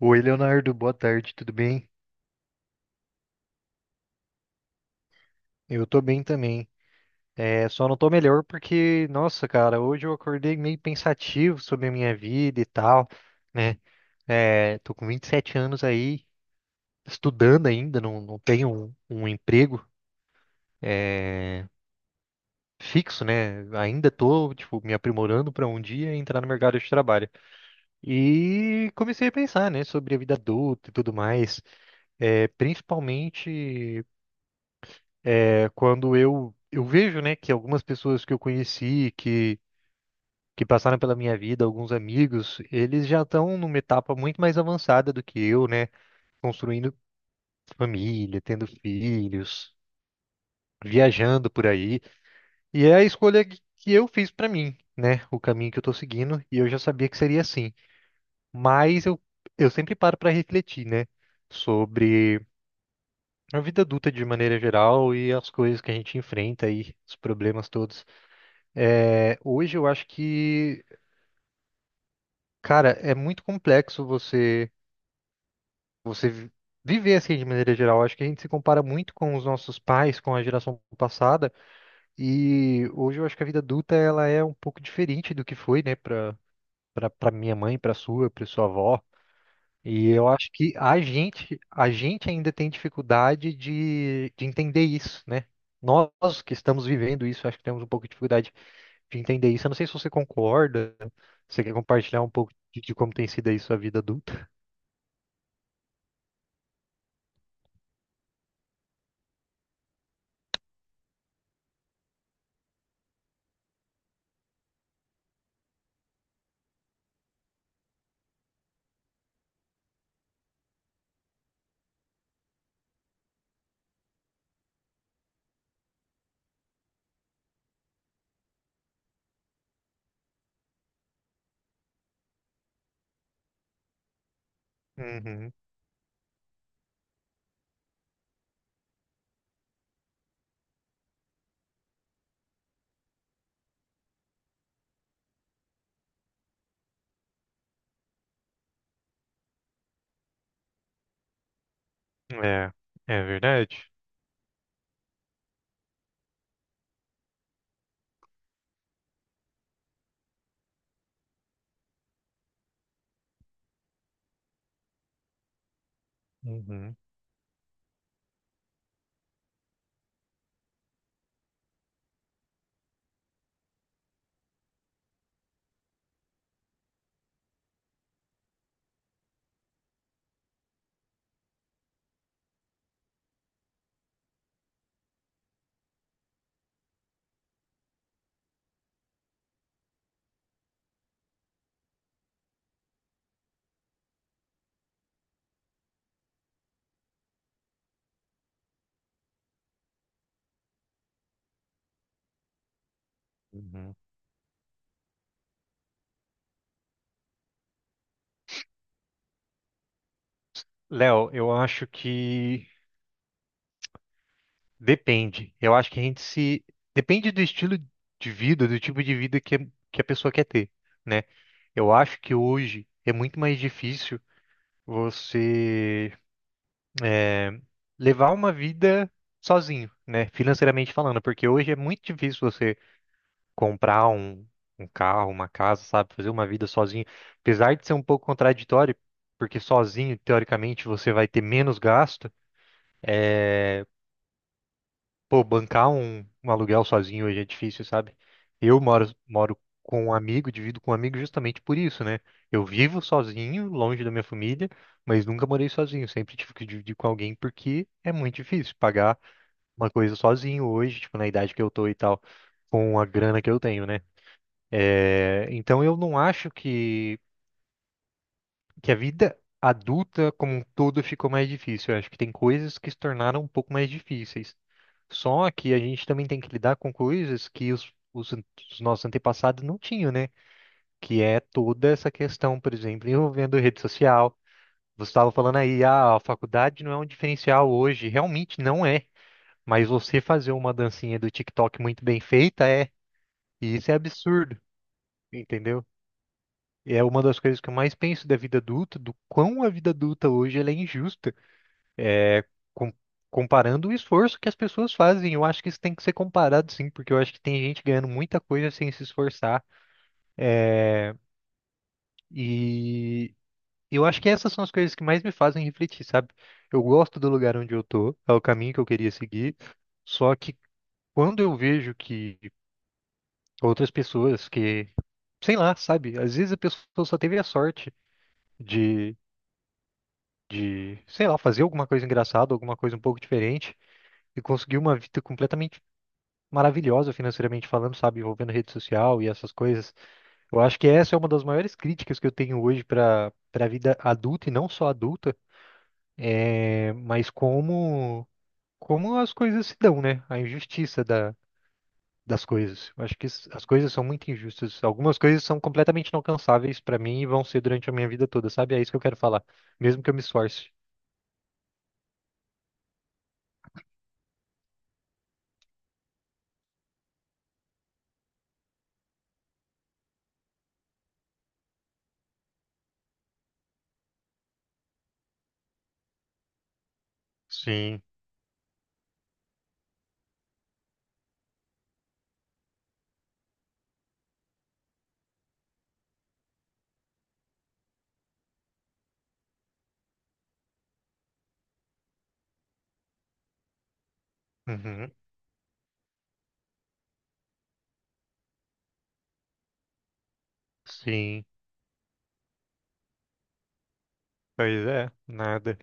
Oi, Leonardo, boa tarde, tudo bem? Eu tô bem também. Só não tô melhor porque, nossa, cara, hoje eu acordei meio pensativo sobre a minha vida e tal, né? Tô com 27 anos aí, estudando ainda, não tenho um emprego é, fixo, né? Ainda tô, tipo, me aprimorando pra um dia entrar no mercado de trabalho. E comecei a pensar, né, sobre a vida adulta e tudo mais, principalmente. Quando eu vejo, né, que algumas pessoas que eu conheci, que passaram pela minha vida, alguns amigos, eles já estão numa etapa muito mais avançada do que eu, né, construindo família, tendo filhos, viajando por aí. E é a escolha que eu fiz para mim, né, o caminho que eu tô seguindo, e eu já sabia que seria assim. Mas eu sempre paro para refletir, né, sobre a vida adulta de maneira geral e as coisas que a gente enfrenta aí, os problemas todos. Hoje eu acho que, cara, é muito complexo você vi- viver assim de maneira geral. Eu acho que a gente se compara muito com os nossos pais, com a geração passada, e hoje eu acho que a vida adulta ela é um pouco diferente do que foi, né, para minha mãe, para sua avó. E eu acho que a gente ainda tem dificuldade de entender isso, né? Nós que estamos vivendo isso, acho que temos um pouco de dificuldade de entender isso. Eu não sei se você concorda, você quer compartilhar um pouco de como tem sido aí sua vida adulta? Uhum. É, é verdade. Uhum. Uhum. Léo, eu acho que depende. Eu acho que a gente se. Depende do estilo de vida, do tipo de vida que a pessoa quer ter, né? Eu acho que hoje é muito mais difícil você eh, levar uma vida sozinho, né? Financeiramente falando, porque hoje é muito difícil você comprar um carro, uma casa, sabe? Fazer uma vida sozinho. Apesar de ser um pouco contraditório, porque sozinho, teoricamente, você vai ter menos gasto. Pô, bancar um aluguel sozinho hoje é difícil, sabe? Moro com um amigo, divido com um amigo justamente por isso, né? Eu vivo sozinho, longe da minha família, mas nunca morei sozinho. Sempre tive que dividir com alguém porque é muito difícil pagar uma coisa sozinho hoje, tipo, na idade que eu tô e tal, com a grana que eu tenho, né? Então eu não acho que a vida adulta como um todo ficou mais difícil. Eu acho que tem coisas que se tornaram um pouco mais difíceis. Só que a gente também tem que lidar com coisas que os nossos antepassados não tinham, né? Que é toda essa questão, por exemplo, envolvendo rede social. Você estava falando aí, ah, a faculdade não é um diferencial hoje. Realmente não é. Mas você fazer uma dancinha do TikTok muito bem feita é. E isso é absurdo, entendeu? E é uma das coisas que eu mais penso da vida adulta, do quão a vida adulta hoje ela é injusta. com- comparando o esforço que as pessoas fazem. Eu acho que isso tem que ser comparado, sim, porque eu acho que tem gente ganhando muita coisa sem se esforçar. E eu acho que essas são as coisas que mais me fazem refletir, sabe? Eu gosto do lugar onde eu tô, é o caminho que eu queria seguir, só que quando eu vejo que outras pessoas que, sei lá, sabe? Às vezes a pessoa só teve a sorte de, de, sei lá, fazer alguma coisa engraçada, alguma coisa um pouco diferente e conseguir uma vida completamente maravilhosa financeiramente falando, sabe, envolvendo rede social e essas coisas. Eu acho que essa é uma das maiores críticas que eu tenho hoje para a vida adulta e não só adulta, mas como as coisas se dão, né? A injustiça da das coisas. Eu acho que as coisas são muito injustas. Algumas coisas são completamente inalcançáveis para mim e vão ser durante a minha vida toda, sabe? É isso que eu quero falar, mesmo que eu me esforce. Sim. Uhum. Sim. Pois é, nada.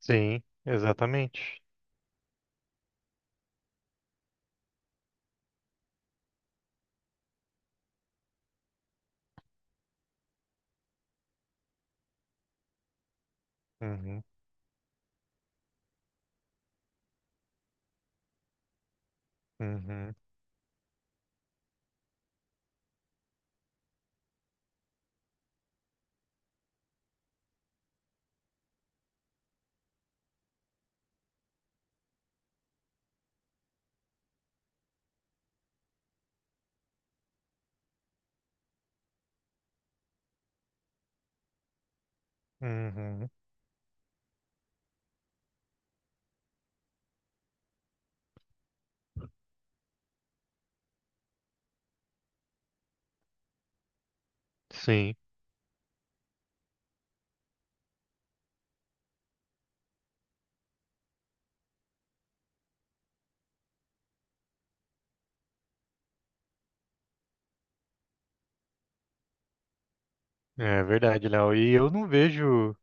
Sim, exatamente. Uhum. Uhum. Uhum. Sim, é verdade, Léo. E eu não vejo,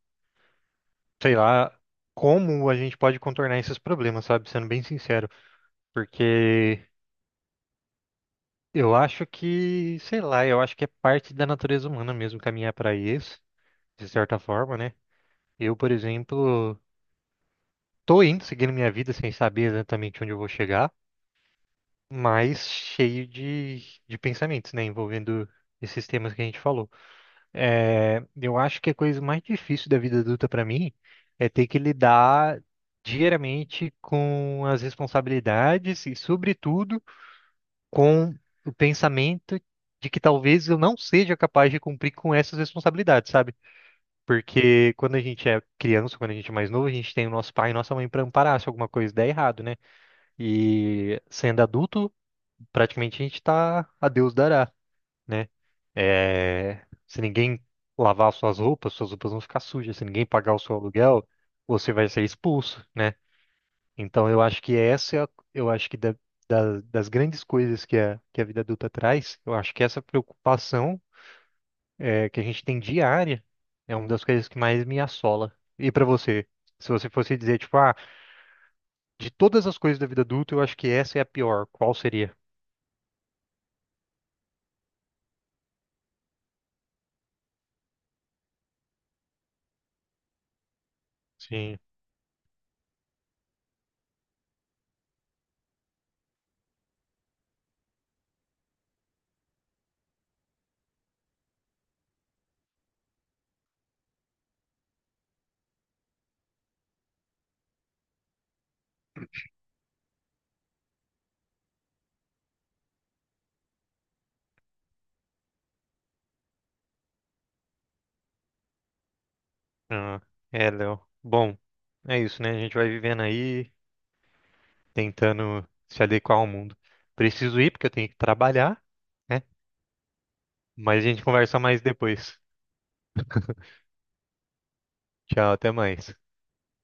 sei lá, como a gente pode contornar esses problemas, sabe? Sendo bem sincero, porque eu acho que, sei lá, eu acho que é parte da natureza humana mesmo caminhar para isso, de certa forma, né? Eu, por exemplo, tô indo seguindo minha vida sem saber exatamente onde eu vou chegar, mas cheio de pensamentos, né? Envolvendo esses temas que a gente falou. É, eu acho que a coisa mais difícil da vida adulta para mim é ter que lidar diariamente com as responsabilidades e, sobretudo, com o pensamento de que talvez eu não seja capaz de cumprir com essas responsabilidades, sabe? Porque quando a gente é criança, quando a gente é mais novo, a gente tem o nosso pai e nossa mãe para amparar se alguma coisa der errado, né? E sendo adulto, praticamente a gente tá a Deus dará, né? É, se ninguém lavar suas roupas vão ficar sujas. Se ninguém pagar o seu aluguel, você vai ser expulso, né? Então eu acho que essa, eu acho que das grandes coisas que a vida adulta traz, eu acho que essa preocupação que a gente tem diária é uma das coisas que mais me assola. E pra você, se você fosse dizer, tipo, ah, de todas as coisas da vida adulta, eu acho que essa é a pior. Qual seria? Sim. Ah, é, Léo. Bom, é isso, né? A gente vai vivendo aí, tentando se adequar ao mundo. Preciso ir porque eu tenho que trabalhar, né? Mas a gente conversa mais depois. Tchau, até mais.